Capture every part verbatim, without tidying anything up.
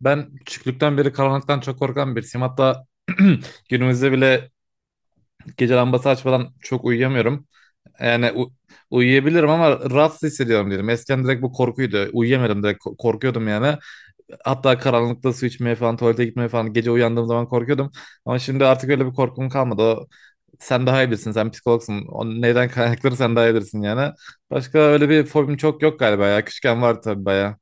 Ben küçüklükten beri karanlıktan çok korkan birisiyim. Hatta günümüzde bile gece lambası açmadan çok uyuyamıyorum. Yani u- uyuyabilirim ama rahatsız hissediyorum diyelim. Eskiden direkt bu korkuydu. Uyuyamadım direkt ko- korkuyordum yani. Hatta karanlıkta su içmeye falan, tuvalete gitmeye falan gece uyandığım zaman korkuyordum. Ama şimdi artık öyle bir korkum kalmadı. O, sen daha iyi bilirsin, sen psikologsun. O neyden kaynakları sen daha iyi bilirsin yani. Başka öyle bir fobim çok yok galiba ya. Küçükken vardı tabii bayağı.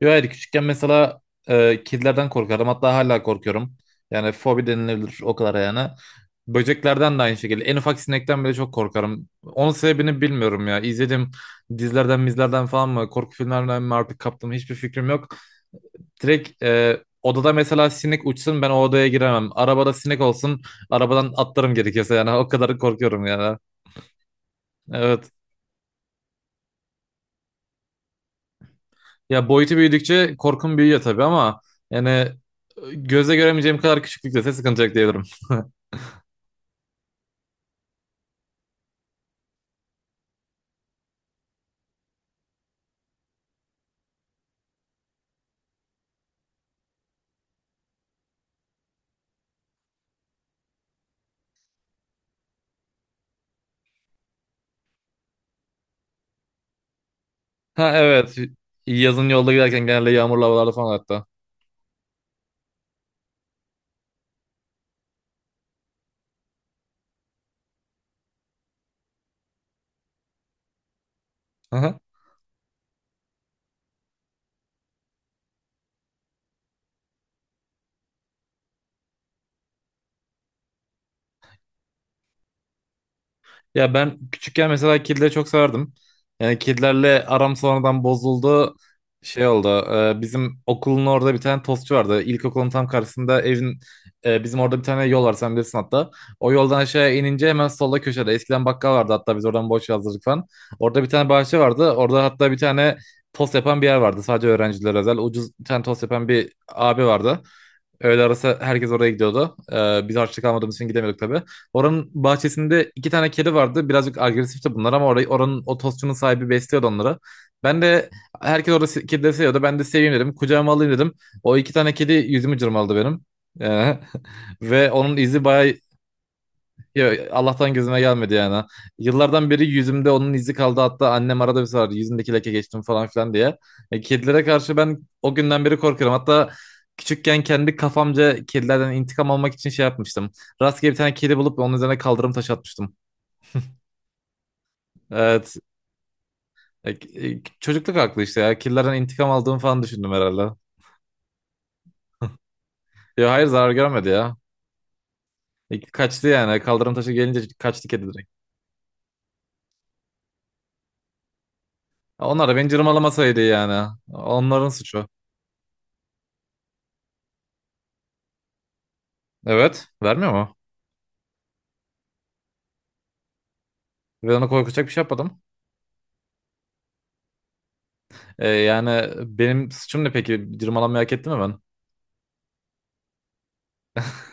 Yo hayır, küçükken mesela e, kedilerden korkardım. Hatta hala korkuyorum. Yani fobi denilebilir o kadar yani. Böceklerden de aynı şekilde. En ufak sinekten bile çok korkarım. Onun sebebini bilmiyorum ya. İzlediğim dizilerden, mizlerden falan mı, korku filmlerinden mi artık kaptım, hiçbir fikrim yok. Direkt e, odada mesela sinek uçsun, ben o odaya giremem. Arabada sinek olsun, arabadan atlarım gerekirse yani o kadar korkuyorum yani. Evet. Ya boyutu büyüdükçe korkum büyüyor tabii ama yani e, göze göremeyeceğim kadar küçüklükte sıkıntı yok diyebilirim. Ha evet. Yazın yolda giderken genelde yağmurlu havalarda falan hatta. Aha. Ya ben küçükken mesela kedileri çok severdim. Yani kedilerle aram sonradan bozuldu. Şey oldu. E, bizim okulun orada bir tane tostçu vardı. İlkokulun tam karşısında evin, e, bizim orada bir tane yol var, sen bilirsin hatta. O yoldan aşağıya inince hemen solda köşede. Eskiden bakkal vardı, hatta biz oradan boş yazdırdık falan. Orada bir tane bahçe vardı. Orada hatta bir tane tost yapan bir yer vardı. Sadece öğrencilere özel. Ucuz bir tane tost yapan bir abi vardı. Öğle arası herkes oraya gidiyordu. Ee, biz harçlık almadığımız için gidemiyorduk tabii. Oranın bahçesinde iki tane kedi vardı. Birazcık agresifti bunlar ama orayı, oranın o tostçunun sahibi besliyordu onları. Ben de herkes orada se- kedileri seviyordu. Ben de seveyim dedim. Kucağıma alayım dedim. O iki tane kedi yüzümü cırmaladı benim. Ee, ve onun izi bayağı, ya Allah'tan gözüme gelmedi yani. Yıllardan beri yüzümde onun izi kaldı. Hatta annem arada bir sorar yüzündeki leke geçtim falan filan diye. E, kedilere karşı ben o günden beri korkuyorum. Hatta küçükken kendi kafamca kedilerden intikam almak için şey yapmıştım. Rastgele bir tane kedi bulup onun üzerine kaldırım taşı atmıştım. Evet. E, e, Çocukluk aklı işte ya. Kedilerden intikam aldığımı falan düşündüm herhalde. Ya hayır, zarar görmedi ya. E, kaçtı yani. Kaldırım taşı gelince kaçtı kedi direkt. Onlar da beni cırmalamasaydı yani. Onların suçu. Evet. Vermiyor mu? Ve ona korkacak bir şey yapmadım. Ee, yani benim suçum ne peki? Cırmalanmayı hak etti mi ben?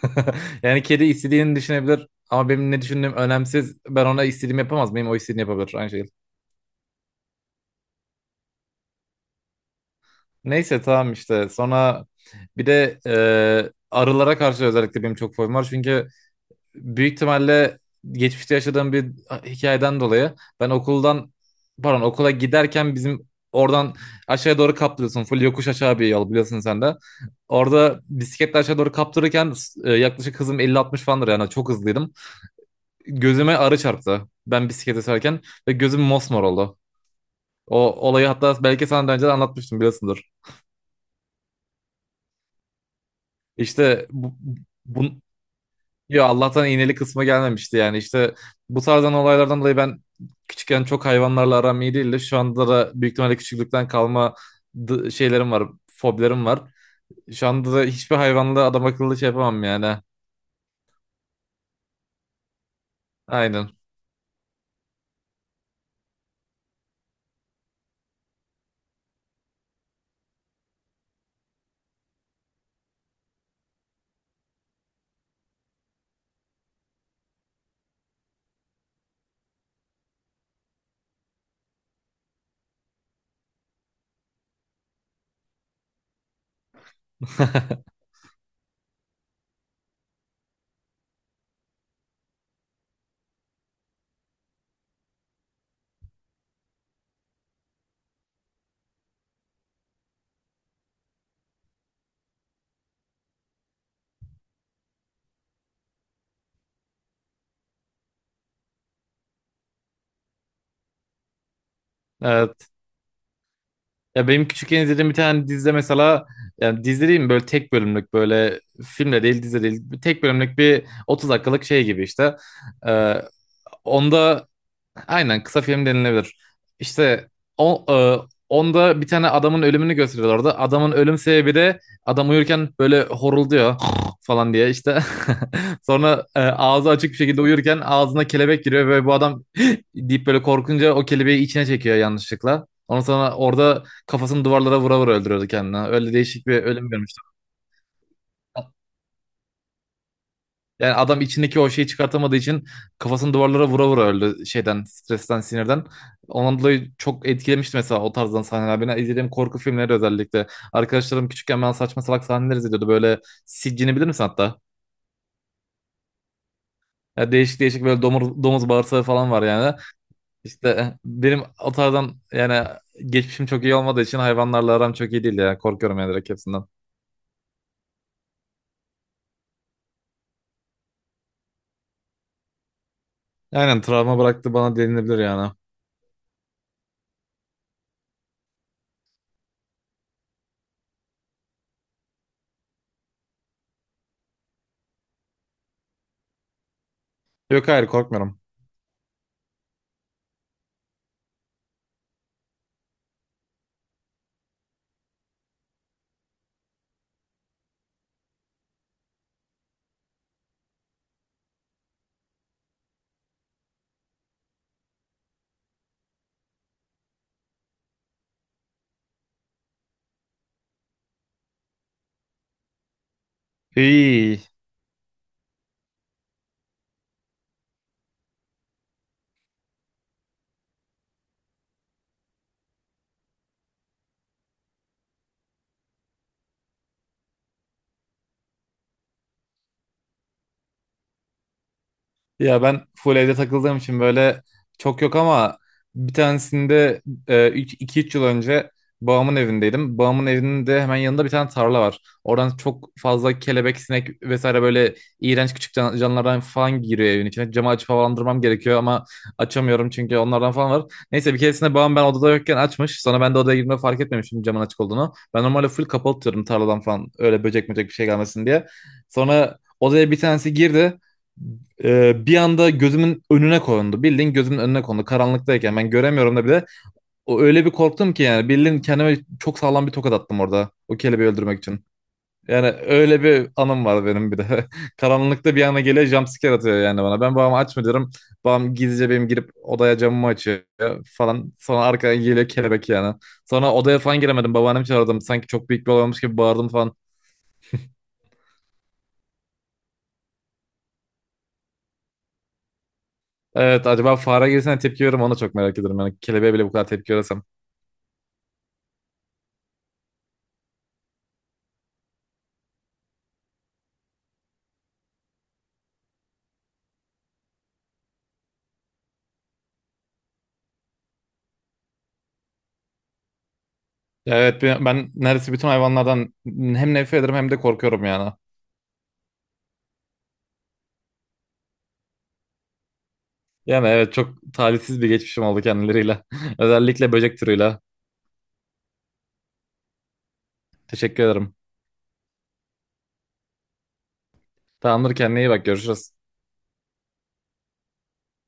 Yani kedi istediğini düşünebilir ama benim ne düşündüğüm önemsiz. Ben ona istediğimi yapamaz. Benim o istediğini yapabilir. Aynı şekilde. Neyse tamam işte. Sonra bir de e, arılara karşı özellikle benim çok fobim var. Çünkü büyük ihtimalle geçmişte yaşadığım bir hikayeden dolayı ben okuldan, pardon, okula giderken bizim oradan aşağıya doğru kaptırıyorsun. Full yokuş aşağı bir yol, biliyorsun sen de. Orada bisikletle aşağı doğru kaptırırken e, yaklaşık hızım elli altmış falandır, yani çok hızlıydım. Gözüme arı çarptı ben bisiklete sürerken ve gözüm mosmor oldu. O olayı hatta belki sana daha önce de anlatmıştım, biliyorsundur. İşte bu, bu- Yo, Allah'tan iğneli kısma gelmemişti yani. İşte bu tarzdan olaylardan dolayı ben küçükken çok hayvanlarla aram iyi değildi. Şu anda da büyük ihtimalle küçüklükten kalma d- şeylerim var, fobilerim var. Şu anda da hiçbir hayvanla adam akıllı şey yapamam yani. Aynen. Evet. Ya benim küçükken izlediğim bir tane dizide mesela, yani dizi değil mi, böyle tek bölümlük, böyle filmle değil, dizi değil, tek bölümlük bir otuz dakikalık şey gibi işte. Ee, Onda aynen kısa film denilebilir. İşte o, e, onda bir tane adamın ölümünü gösteriyorlar orada. Adamın ölüm sebebi de adam uyurken böyle horulduyor falan diye işte. Sonra e, ağzı açık bir şekilde uyurken ağzına kelebek giriyor ve bu adam deyip böyle korkunca o kelebeği içine çekiyor yanlışlıkla. Ondan sonra orada kafasını duvarlara vura vura öldürüyordu kendini. Öyle değişik bir ölüm görmüştüm. Yani adam içindeki o şeyi çıkartamadığı için kafasını duvarlara vura vura öldü şeyden, stresten, sinirden. Ondan dolayı çok etkilemişti mesela o tarzdan sahneler. Beni izlediğim korku filmleri özellikle. Arkadaşlarım küçükken ben saçma salak sahneler izliyordu. Böyle Siccin'i bilir misin hatta? Ya değişik değişik, böyle domuz, domuz bağırsağı falan var yani. İşte eh, benim o tarzdan, yani geçmişim çok iyi olmadığı için hayvanlarla aram çok iyi değil ya. Korkuyorum yani, direkt hepsinden. Aynen, travma bıraktı bana denilebilir yani. Yok, hayır korkmuyorum. İyi. Ya ben full evde takıldığım için böyle çok yok, ama bir tanesinde iki üç yıl önce babamın evindeydim. Babamın evinin de hemen yanında bir tane tarla var. Oradan çok fazla kelebek, sinek vesaire, böyle iğrenç küçük can- canlılardan falan giriyor evin içine. Camı açıp havalandırmam gerekiyor ama açamıyorum çünkü onlardan falan var. Neyse bir keresinde babam ben odada yokken açmış. Sonra ben de odaya girdiğimde fark etmemişim camın açık olduğunu. Ben normalde full kapalı tutuyorum tarladan falan öyle böcek böcek bir şey gelmesin diye. Sonra odaya bir tanesi girdi, e, bir anda gözümün önüne kondu. Bildiğin gözümün önüne kondu. Karanlıktayken ben göremiyorum da bir de. O öyle bir korktum ki, yani bildiğin kendime çok sağlam bir tokat attım orada. O kelebeği öldürmek için. Yani öyle bir anım var benim bir de. Karanlıkta bir anda geliyor, jumpscare atıyor yani bana. Ben babama açma diyorum. Babam gizlice benim girip odaya camımı açıyor falan. Sonra arkadan geliyor kelebek yani. Sonra odaya falan giremedim. Babaannemi çağırdım. Sanki çok büyük bir olay olmuş gibi bağırdım falan. Evet, acaba fare girsene tepki veririm ona, çok merak ediyorum. Yani kelebeğe bile bu kadar tepki verirsem. Evet ben ben neredeyse bütün hayvanlardan hem nefret ederim hem de korkuyorum yani. Yani evet, çok talihsiz bir geçmişim oldu kendileriyle. Özellikle böcek türüyle. Teşekkür ederim. Tamamdır, kendine iyi bak, görüşürüz.